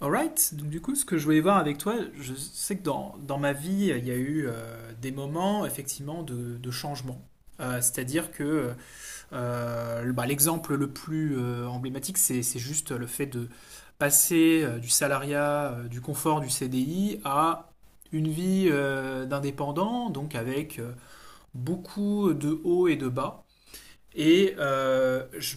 Alright, donc du coup, ce que je voulais voir avec toi, je sais que dans ma vie, il y a eu des moments effectivement de changement. C'est-à-dire que bah, l'exemple le plus emblématique, c'est juste le fait de passer du salariat, du confort du CDI à une vie d'indépendant, donc avec beaucoup de hauts et de bas. Et je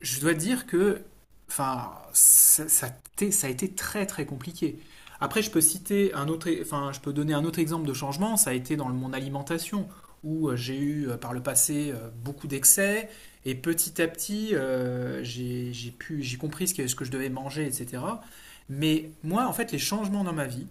je dois dire que enfin, ça ça a été très très compliqué. Après, je peux citer un autre, enfin, je peux donner un autre exemple de changement. Ça a été dans mon alimentation où j'ai eu par le passé beaucoup d'excès et petit à petit, j'ai pu, j'ai compris ce que je devais manger, etc. Mais moi, en fait, les changements dans ma vie,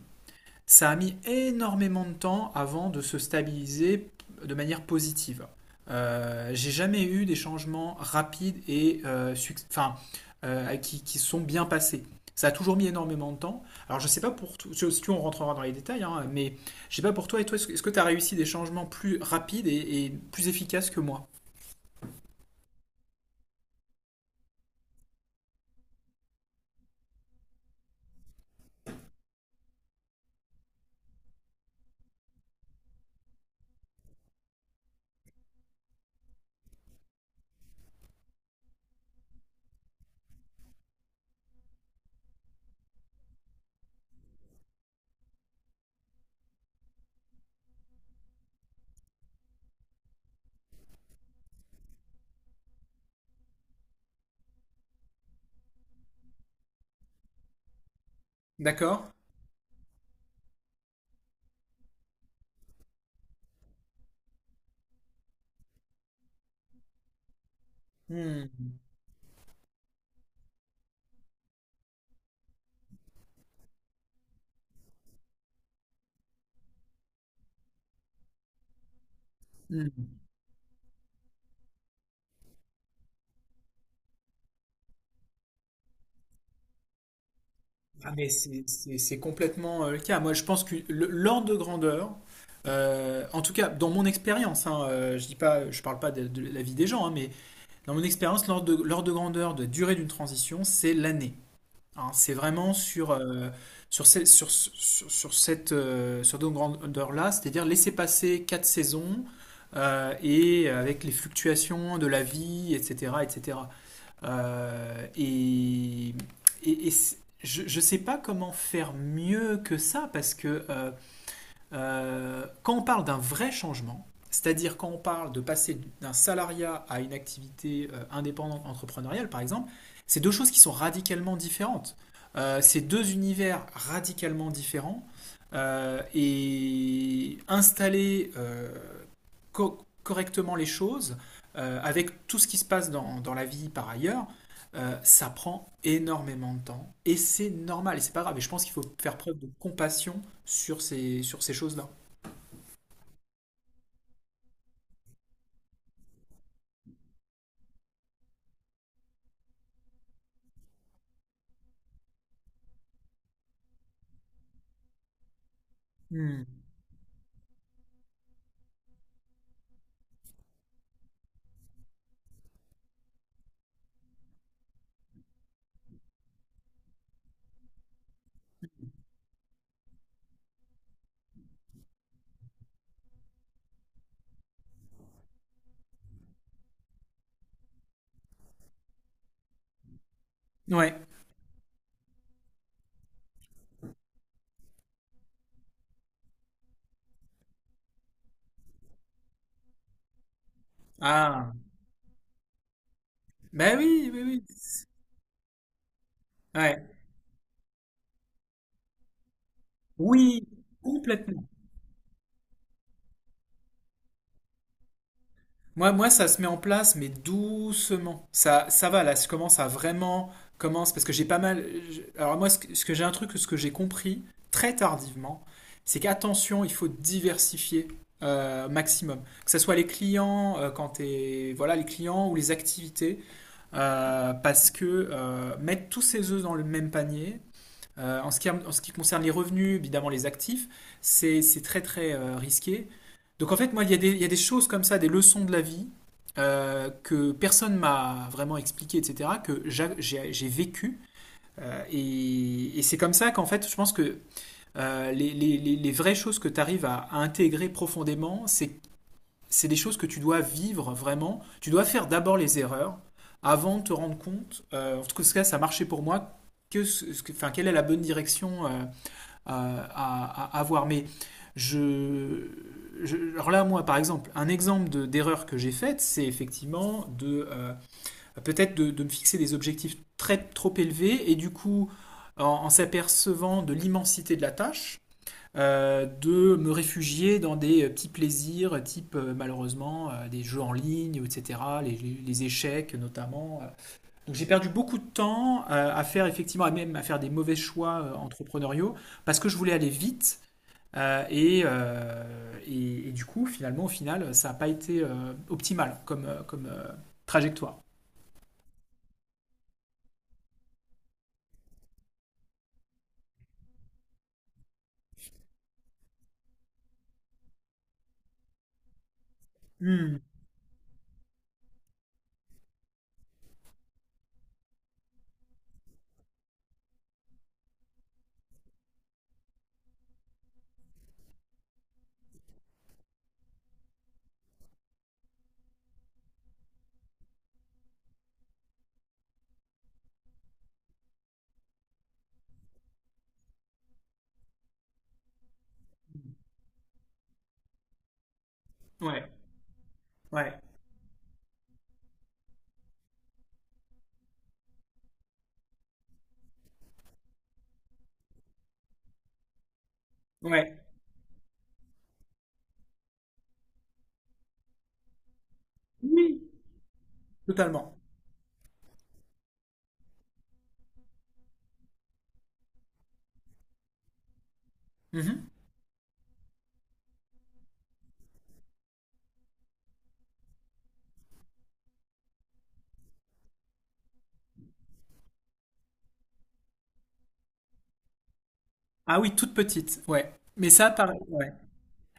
ça a mis énormément de temps avant de se stabiliser de manière positive. J'ai jamais eu des changements rapides et enfin, qui sont bien passés. Ça a toujours mis énormément de temps. Alors je sais pas pour toi, si tu on rentrera dans les détails, hein, mais je sais pas pour toi et toi, est-ce que tu as réussi des changements plus rapides et plus efficaces que moi? D'accord? Hmm. Hmm. Ah, mais c'est complètement le cas. Moi, je pense que l'ordre de grandeur, en tout cas dans mon expérience, hein, je dis pas, je parle pas de la vie des gens, hein, mais dans mon expérience, l'ordre de grandeur de durée d'une transition, c'est l'année. Hein. C'est vraiment sur, sur cette grandeur-là, c'est-à-dire laisser passer quatre saisons et avec les fluctuations de la vie, etc., etc. Euh, et, et- et c- je ne sais pas comment faire mieux que ça, parce que quand on parle d'un vrai changement, c'est-à-dire quand on parle de passer d'un salariat à une activité indépendante entrepreneuriale, par exemple, c'est deux choses qui sont radicalement différentes. C'est deux univers radicalement différents. Et installer correctement les choses, avec tout ce qui se passe dans la vie par ailleurs, ça prend énormément de temps. Et c'est normal, et c'est pas grave. Et je pense qu'il faut faire preuve de compassion sur ces choses-là. Hmm. Ouais. Ah. Ben oui, oui, oui. Ouais. Oui, complètement. Moi, ça se met en place, mais doucement. Ça va, là, je commence à vraiment commence parce que j'ai pas mal. Alors moi, ce que j'ai un truc, ce que j'ai compris très tardivement, c'est qu'attention, il faut diversifier maximum. Que ce soit les clients, quand t'es, voilà, les clients ou les activités, parce que mettre tous ses œufs dans le même panier, en ce qui concerne les revenus, évidemment les actifs, c'est très très risqué. Donc en fait, moi, il y a des choses comme ça, des leçons de la vie que personne m'a vraiment expliqué, etc., que j'ai vécu. Et c'est comme ça qu'en fait, je pense que les vraies choses que tu arrives à intégrer profondément, c'est des choses que tu dois vivre vraiment. Tu dois faire d'abord les erreurs avant de te rendre compte, en tout cas ça a marché pour moi, que, ce- ce que- enfin, quelle est la bonne direction à avoir. Mais je, alors là, moi, par exemple, un exemple d'erreur que j'ai faite, c'est effectivement de peut-être de me fixer des objectifs très trop élevés et du coup, en s'apercevant de l'immensité de la tâche, de me réfugier dans des petits plaisirs, type malheureusement des jeux en ligne, etc., les échecs notamment, donc j'ai perdu beaucoup de temps à faire effectivement, à même à faire des mauvais choix entrepreneuriaux parce que je voulais aller vite euh, et, euh, et du coup finalement au final ça n'a pas été optimal comme trajectoire. Hmm. Ouais, ouais, ouais. Oui, totalement. Mhm. Ah oui, toute petite, ouais. Mais ça, pareil, ouais,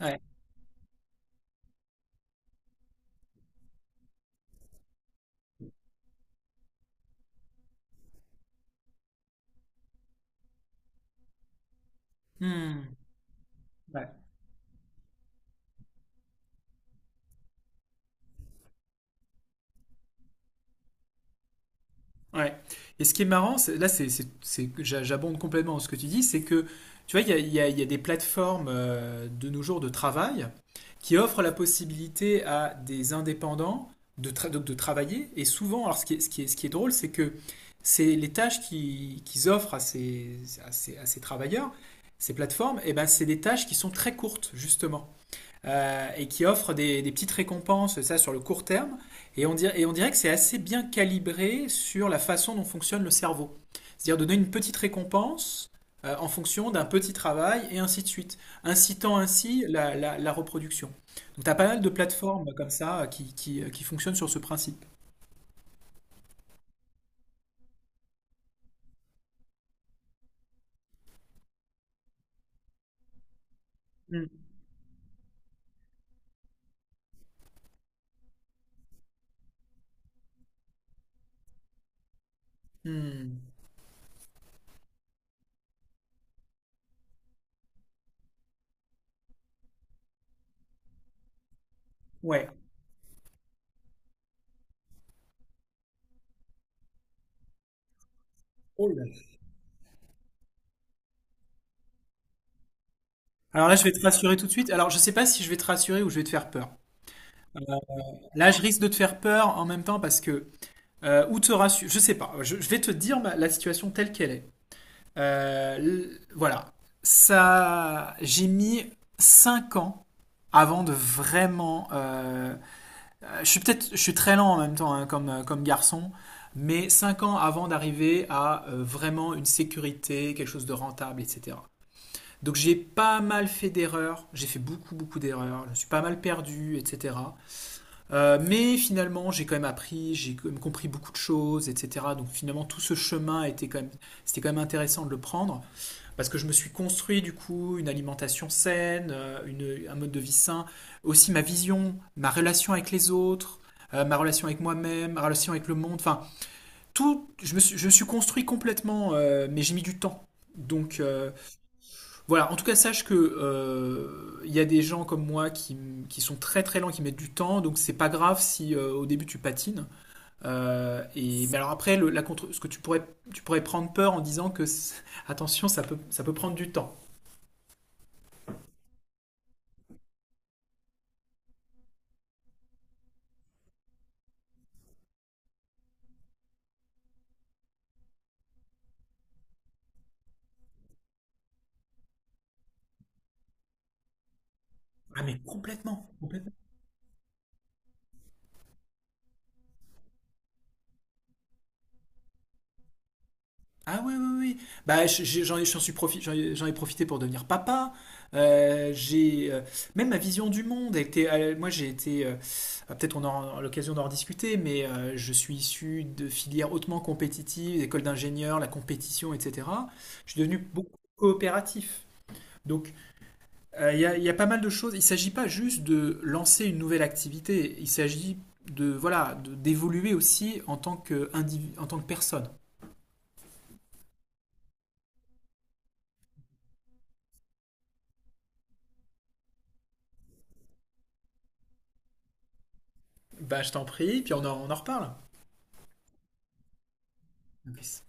ouais. Hmm. Ouais. Ouais. Et ce qui est marrant, là, j'abonde complètement dans ce que tu dis, c'est que, tu vois, il y a, il y a- il y a des plateformes de nos jours de travail qui offrent la possibilité à des indépendants donc de travailler. Et souvent, alors ce qui est, ce qui est- ce qui est drôle, c'est que c'est les tâches qu'ils offrent à ces, à ces travailleurs, ces plateformes, et ben, c'est des tâches qui sont très courtes, justement et qui offre des petites récompenses, ça sur le court terme. Et on dirait que c'est assez bien calibré sur la façon dont fonctionne le cerveau. C'est-à-dire donner une petite récompense en fonction d'un petit travail et ainsi de suite, incitant ainsi la reproduction. Donc tu as pas mal de plateformes comme ça qui fonctionnent sur ce principe. Hmm. Hmm. Ouais. Oh là là. Alors là, je vais te rassurer tout de suite. Alors, je sais pas si je vais te rassurer ou je vais te faire peur. Là, je risque de te faire peur en même temps parce que ou te rassurer. Je sais pas. Je vais te dire la situation telle qu'elle est. Voilà. Ça, j'ai mis 5 ans avant de vraiment. Je suis très lent en même temps hein, comme garçon, mais 5 ans avant d'arriver à vraiment une sécurité, quelque chose de rentable, etc. Donc j'ai pas mal fait d'erreurs. J'ai fait beaucoup beaucoup d'erreurs. Je me suis pas mal perdu, etc. Mais finalement, j'ai quand même appris, j'ai quand même compris beaucoup de choses, etc. Donc finalement, tout ce chemin était quand même, c'était quand même intéressant de le prendre parce que je me suis construit du coup une alimentation saine, un mode de vie sain, aussi ma vision, ma relation avec les autres, ma relation avec moi-même, ma relation avec le monde. Enfin, tout, je me suis construit complètement, mais j'ai mis du temps. Donc voilà, en tout cas, sache que il y a des gens comme moi qui sont très très lents, qui mettent du temps, donc c'est pas grave si au début tu patines. Et mais alors après, la contre, ce que tu pourrais prendre peur en disant que attention, ça peut prendre du temps. Ah mais complètement, complètement. Ah oui, oui, oui. Bah, j'en ai, j'en suis profi- j'en ai profité pour devenir papa. Euh, j'ai, euh, Même ma vision du monde a été. Moi, j'ai été. Ah, peut-être on aura l'occasion d'en rediscuter, mais je suis issu de filières hautement compétitives, école d'ingénieurs, la compétition, etc. Je suis devenu beaucoup plus coopératif. Donc, il y a pas mal de choses. Il ne s'agit pas juste de lancer une nouvelle activité. Il s'agit voilà, d'évoluer aussi en tant que personne. Bah, je t'en prie, puis on en reparle. Peace.